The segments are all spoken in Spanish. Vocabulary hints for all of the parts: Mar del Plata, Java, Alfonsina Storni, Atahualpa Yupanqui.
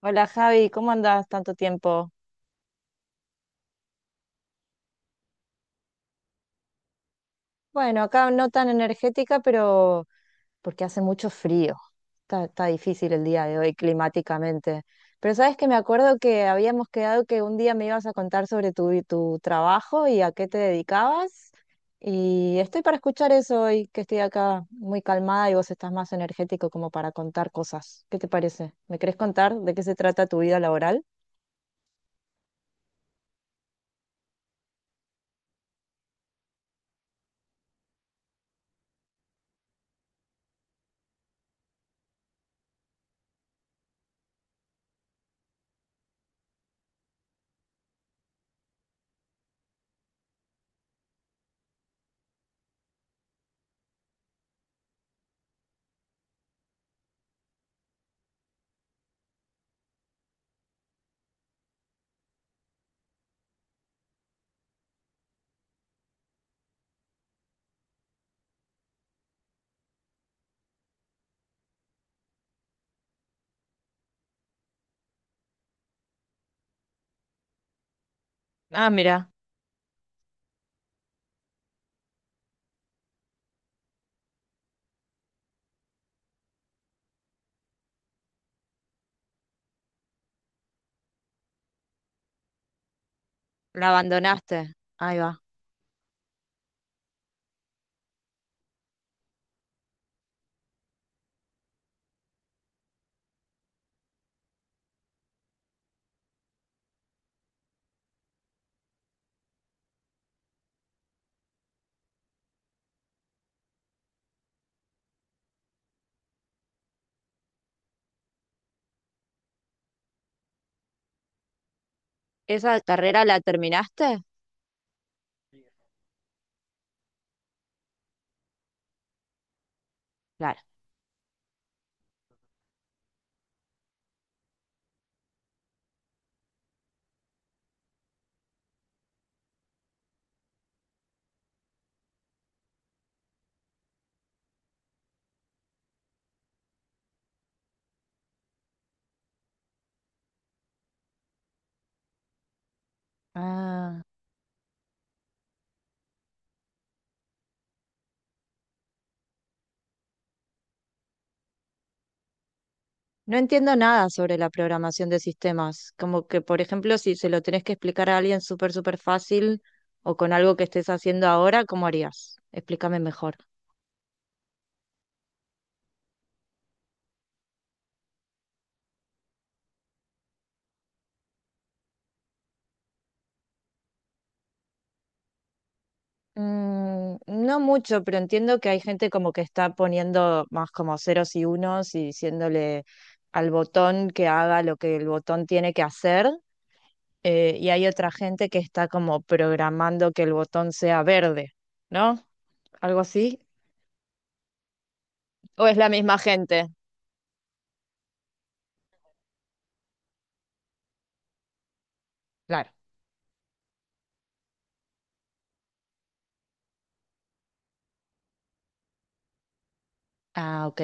Hola Javi, ¿cómo andás tanto tiempo? Bueno, acá no tan energética, pero porque hace mucho frío. Está difícil el día de hoy climáticamente. Pero sabes que me acuerdo que habíamos quedado que un día me ibas a contar sobre tu trabajo y a qué te dedicabas. Y estoy para escuchar eso hoy, que estoy acá muy calmada y vos estás más energético como para contar cosas. ¿Qué te parece? ¿Me querés contar de qué se trata tu vida laboral? Ah, mira, la abandonaste. Ahí va. ¿Esa carrera la terminaste? Claro. Ah, no entiendo nada sobre la programación de sistemas. Como que, por ejemplo, si se lo tenés que explicar a alguien súper, súper fácil o con algo que estés haciendo ahora, ¿cómo harías? Explícame mejor. No mucho, pero entiendo que hay gente como que está poniendo más como ceros y unos y diciéndole al botón que haga lo que el botón tiene que hacer, y hay otra gente que está como programando que el botón sea verde, ¿no? ¿Algo así? ¿O es la misma gente? Claro. Ah, ok.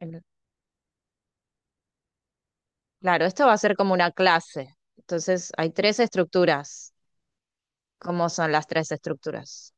El- Claro, esto va a ser como una clase. Entonces, hay tres estructuras. ¿Cómo son las tres estructuras?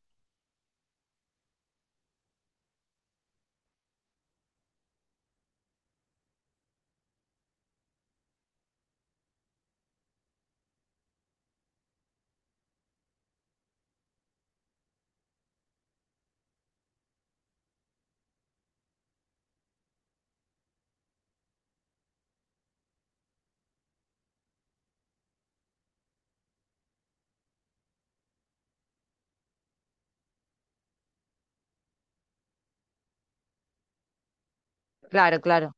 Claro, claro,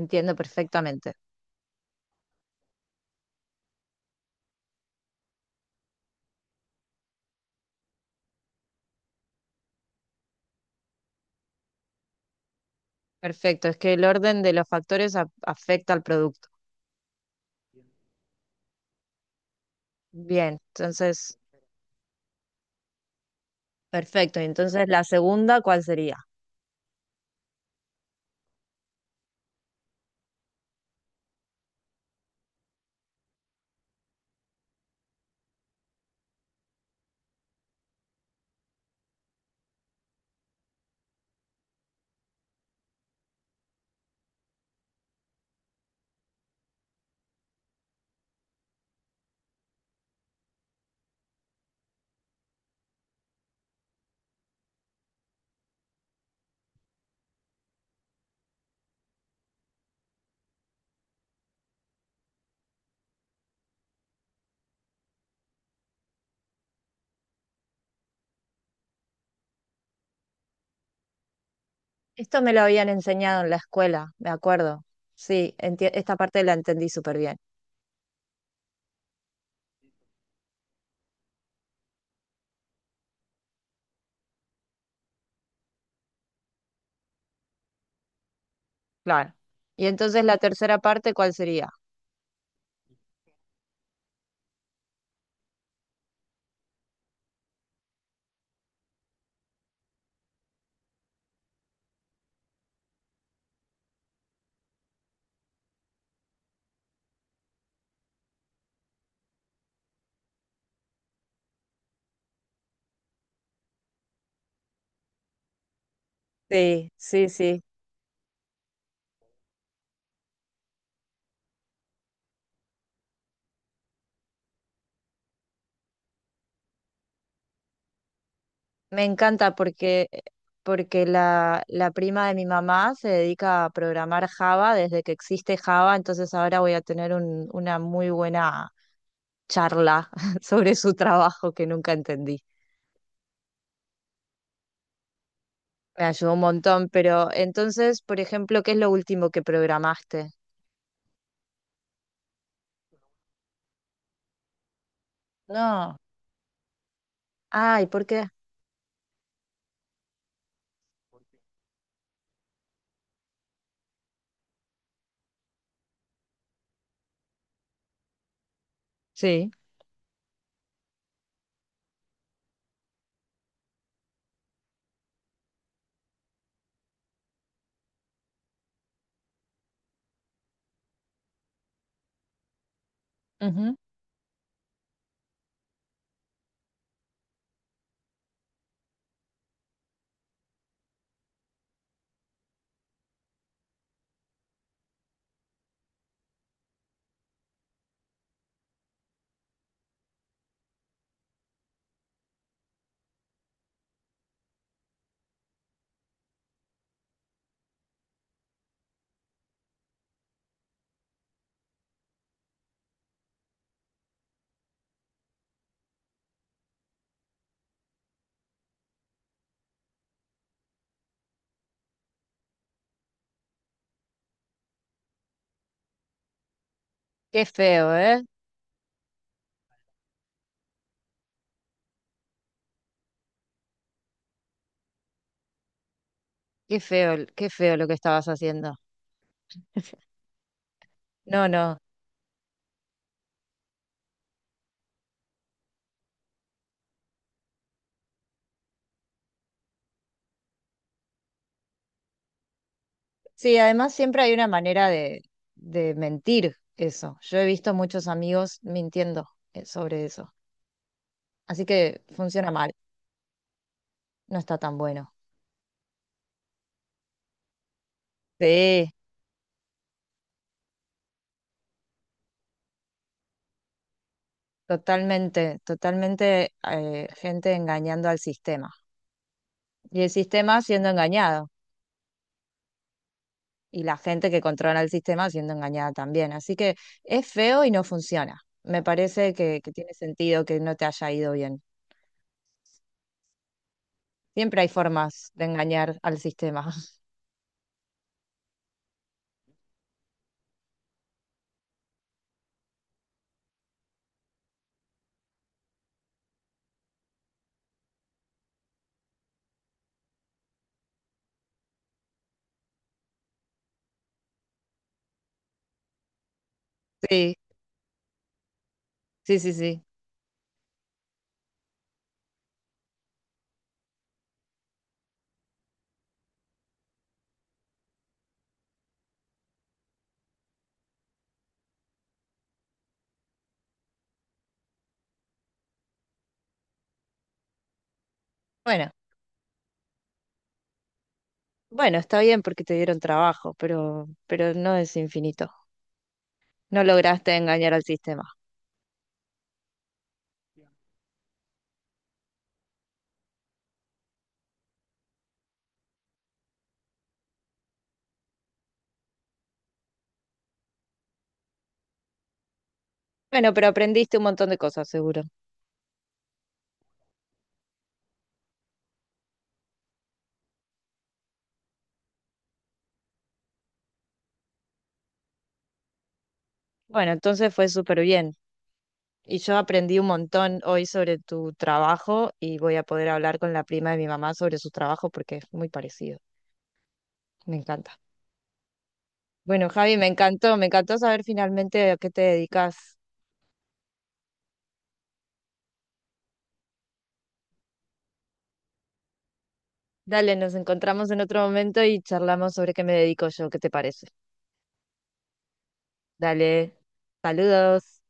entiendo perfectamente. Perfecto, es que el orden de los factores afecta al producto. Bien, entonces, perfecto. Entonces, la segunda, ¿cuál sería? Esto me lo habían enseñado en la escuela, me acuerdo. Sí, esta parte la entendí súper bien. Claro. Y entonces la tercera parte, ¿cuál sería? Sí, sí, sí. Me encanta porque, porque la prima de mi mamá se dedica a programar Java desde que existe Java, entonces ahora voy a tener una muy buena charla sobre su trabajo que nunca entendí. Me ayudó un montón, pero entonces, por ejemplo, ¿qué es lo último que programaste? No. Ay, ¿por qué? Sí. Ujú. Qué feo, ¿eh? Qué feo lo que estabas haciendo. No, no. Sí, además siempre hay una manera de mentir eso. Yo he visto muchos amigos mintiendo, sobre eso. Así que funciona mal, no está tan bueno. Sí, totalmente, totalmente, gente engañando al sistema. Y el sistema siendo engañado. Y la gente que controla el sistema siendo engañada también. Así que es feo y no funciona. Me parece que tiene sentido que no te haya ido bien. Siempre hay formas de engañar al sistema. Sí, sí, sí, sí. Bueno, bueno, está bien porque te dieron trabajo, pero no es infinito. No lograste engañar al sistema. Bueno, pero aprendiste un montón de cosas, seguro. Bueno, entonces fue súper bien. Y yo aprendí un montón hoy sobre tu trabajo y voy a poder hablar con la prima de mi mamá sobre su trabajo porque es muy parecido. Me encanta. Bueno, Javi, me encantó saber finalmente a qué te dedicas. Dale, nos encontramos en otro momento y charlamos sobre qué me dedico yo, ¿qué te parece? Dale, saludos.